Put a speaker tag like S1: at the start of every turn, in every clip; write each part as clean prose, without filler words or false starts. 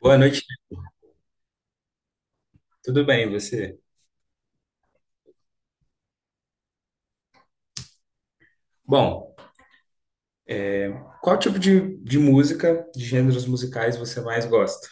S1: Boa noite, tudo bem, e você? Bom, qual tipo de música, de gêneros musicais você mais gosta?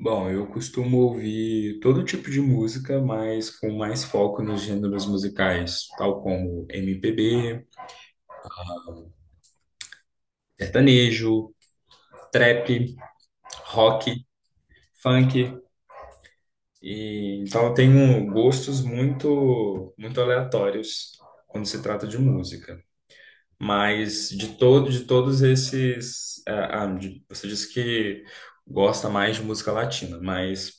S1: Bom, eu costumo ouvir todo tipo de música, mas com mais foco nos gêneros musicais, tal como MPB, sertanejo, trap, rock, funk. E, então eu tenho gostos muito, muito aleatórios quando se trata de música. Mas de todo, de todos esses, ah, ah, de- você disse que gosta mais de música latina, mas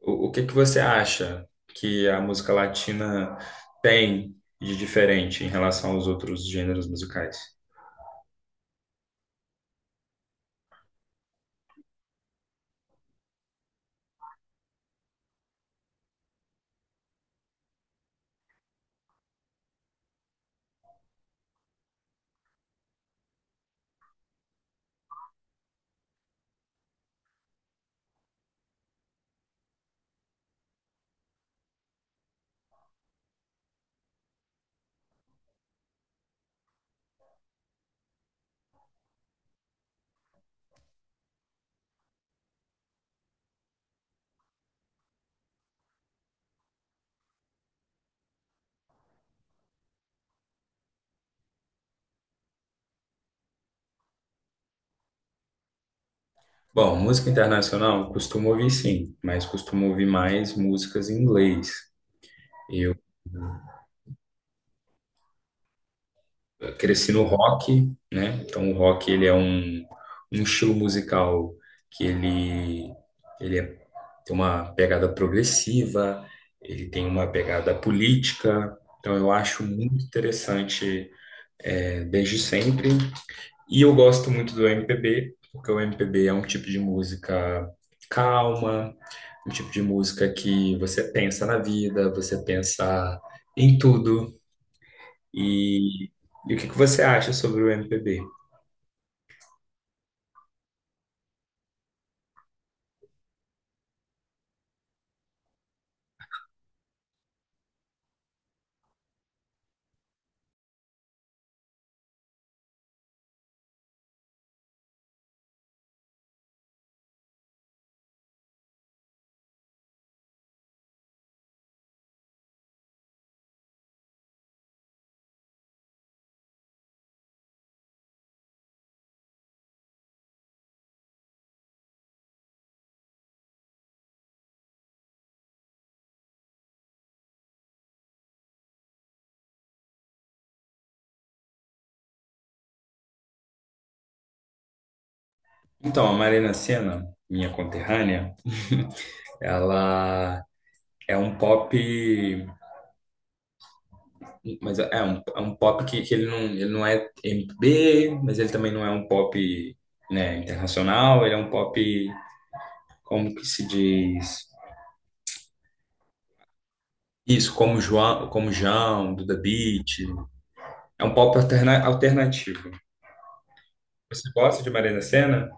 S1: o que que você acha que a música latina tem de diferente em relação aos outros gêneros musicais? Bom, música internacional costumo ouvir sim, mas costumo ouvir mais músicas em inglês. Cresci no rock, né? Então o rock, ele é um estilo musical que ele é- tem uma pegada progressiva, ele tem uma pegada política. Então eu acho muito interessante, é, desde sempre. E eu gosto muito do MPB, porque o MPB é um tipo de música calma, um tipo de música que você pensa na vida, você pensa em tudo. E, e o que que você acha sobre o MPB? Então, a Marina Sena, minha conterrânea, ela é um pop, mas é um pop que ele não é MPB, mas ele também não é um pop, né, internacional, ele é um pop, como que se diz? Isso, como João, Duda Beat. É um pop alternativo. Você gosta de Marina Sena?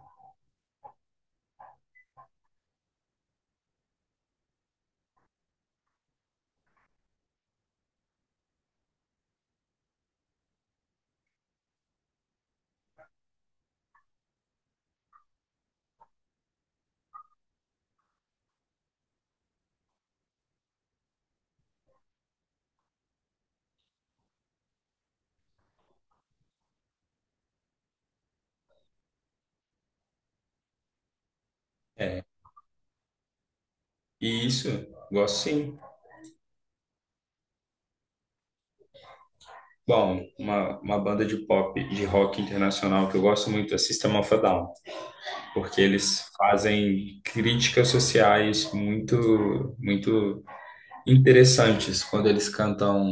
S1: Isso, gosto sim. Bom, uma banda de pop, de rock internacional que eu gosto muito é System of a Down. Porque eles fazem críticas sociais muito, muito interessantes quando eles cantam,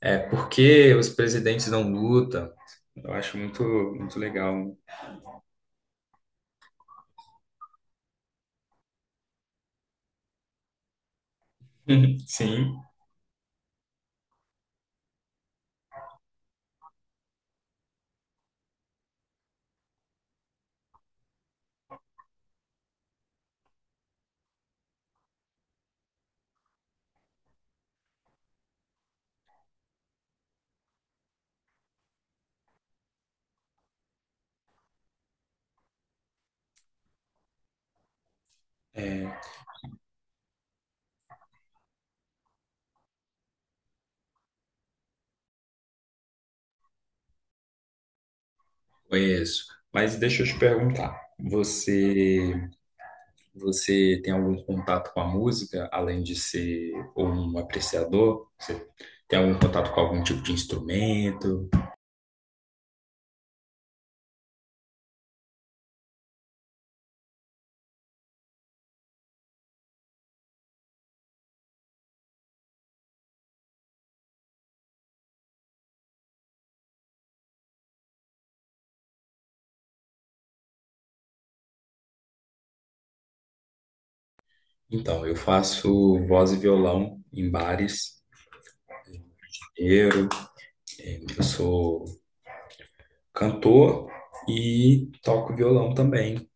S1: é, por que os presidentes não lutam? Eu acho muito, muito legal. Sim, é, conheço. Mas deixa eu te perguntar, você tem algum contato com a música, além de ser um apreciador? Você tem algum contato com algum tipo de instrumento? Então, eu faço voz e violão em bares. Eu, eu sou cantor e toco violão também.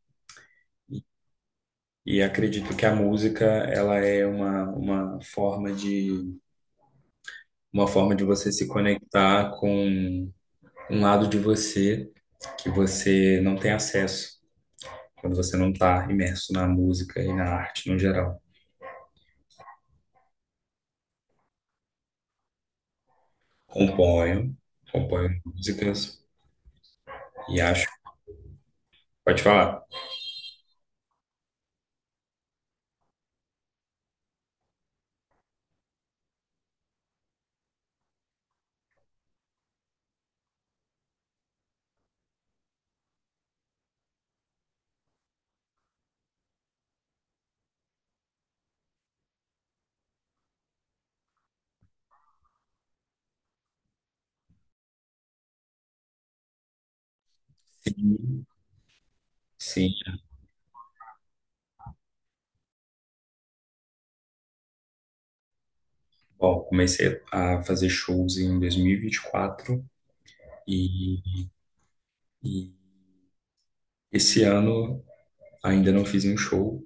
S1: E acredito que a música, ela é uma forma de você se conectar com um lado de você que você não tem acesso quando você não está imerso na música e na arte no geral. Componho, componho músicas e acho. Pode falar. Sim, sim. Bom, comecei a fazer shows em 2024 e, vinte e quatro, e esse ano ainda não fiz um show,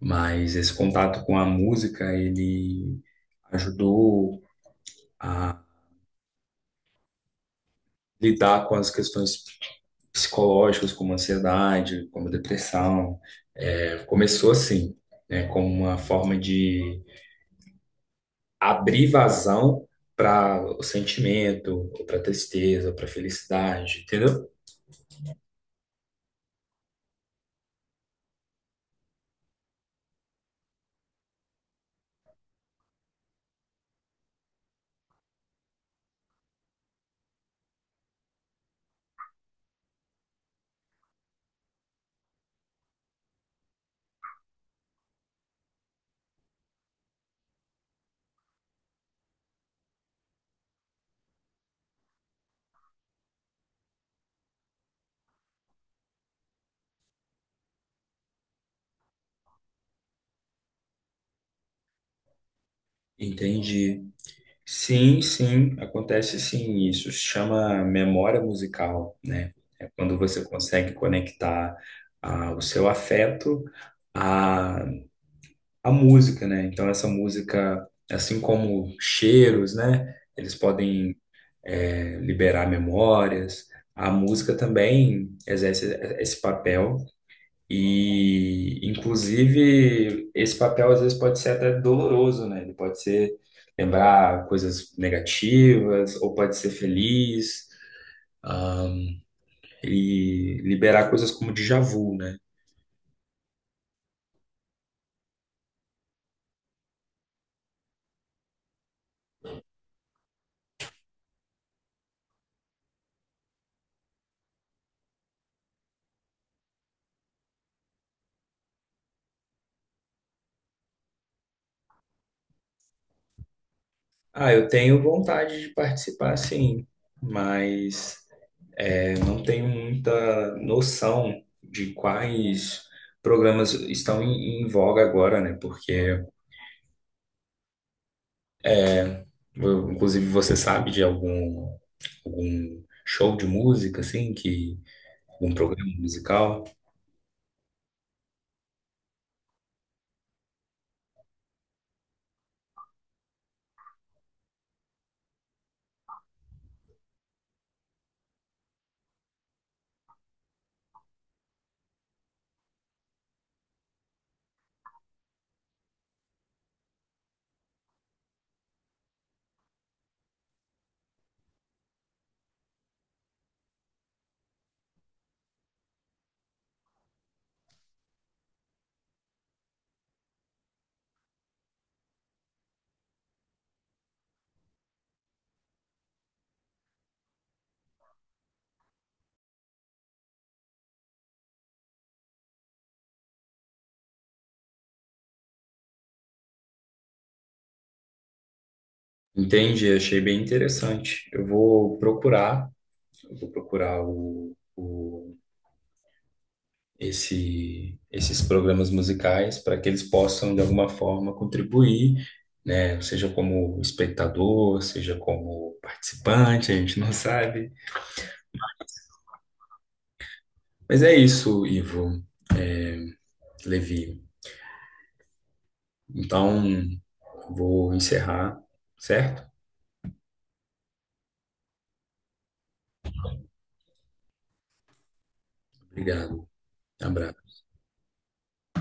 S1: mas esse contato com a música, ele ajudou a lidar com as questões psicológicas, como ansiedade, como depressão. É, começou assim, né, como uma forma de abrir vazão para o sentimento, ou para tristeza, para felicidade, entendeu? Entende? Sim, sim, acontece sim, isso se chama memória musical, né? É quando você consegue conectar, o seu afeto à, à música, né? Então essa música, assim como cheiros, né? Eles podem, liberar memórias. A música também exerce esse papel e, inclusive, esse papel às vezes pode ser até doloroso, né? Ele pode ser lembrar coisas negativas, ou pode ser feliz, ah, e liberar coisas como déjà vu, né? Ah, eu tenho vontade de participar, sim, mas eu não tenho muita noção de quais programas estão em voga agora, né? Porque, inclusive, você sabe de algum? Algum show de música, assim, que algum programa musical. Entendi, achei bem interessante. Eu vou procurar esses programas musicais para que eles possam, de alguma forma, contribuir, né? Seja como espectador, seja como participante, a gente não sabe. Mas é isso, Ivo Levi. Então, vou encerrar, certo? Obrigado. Abraço.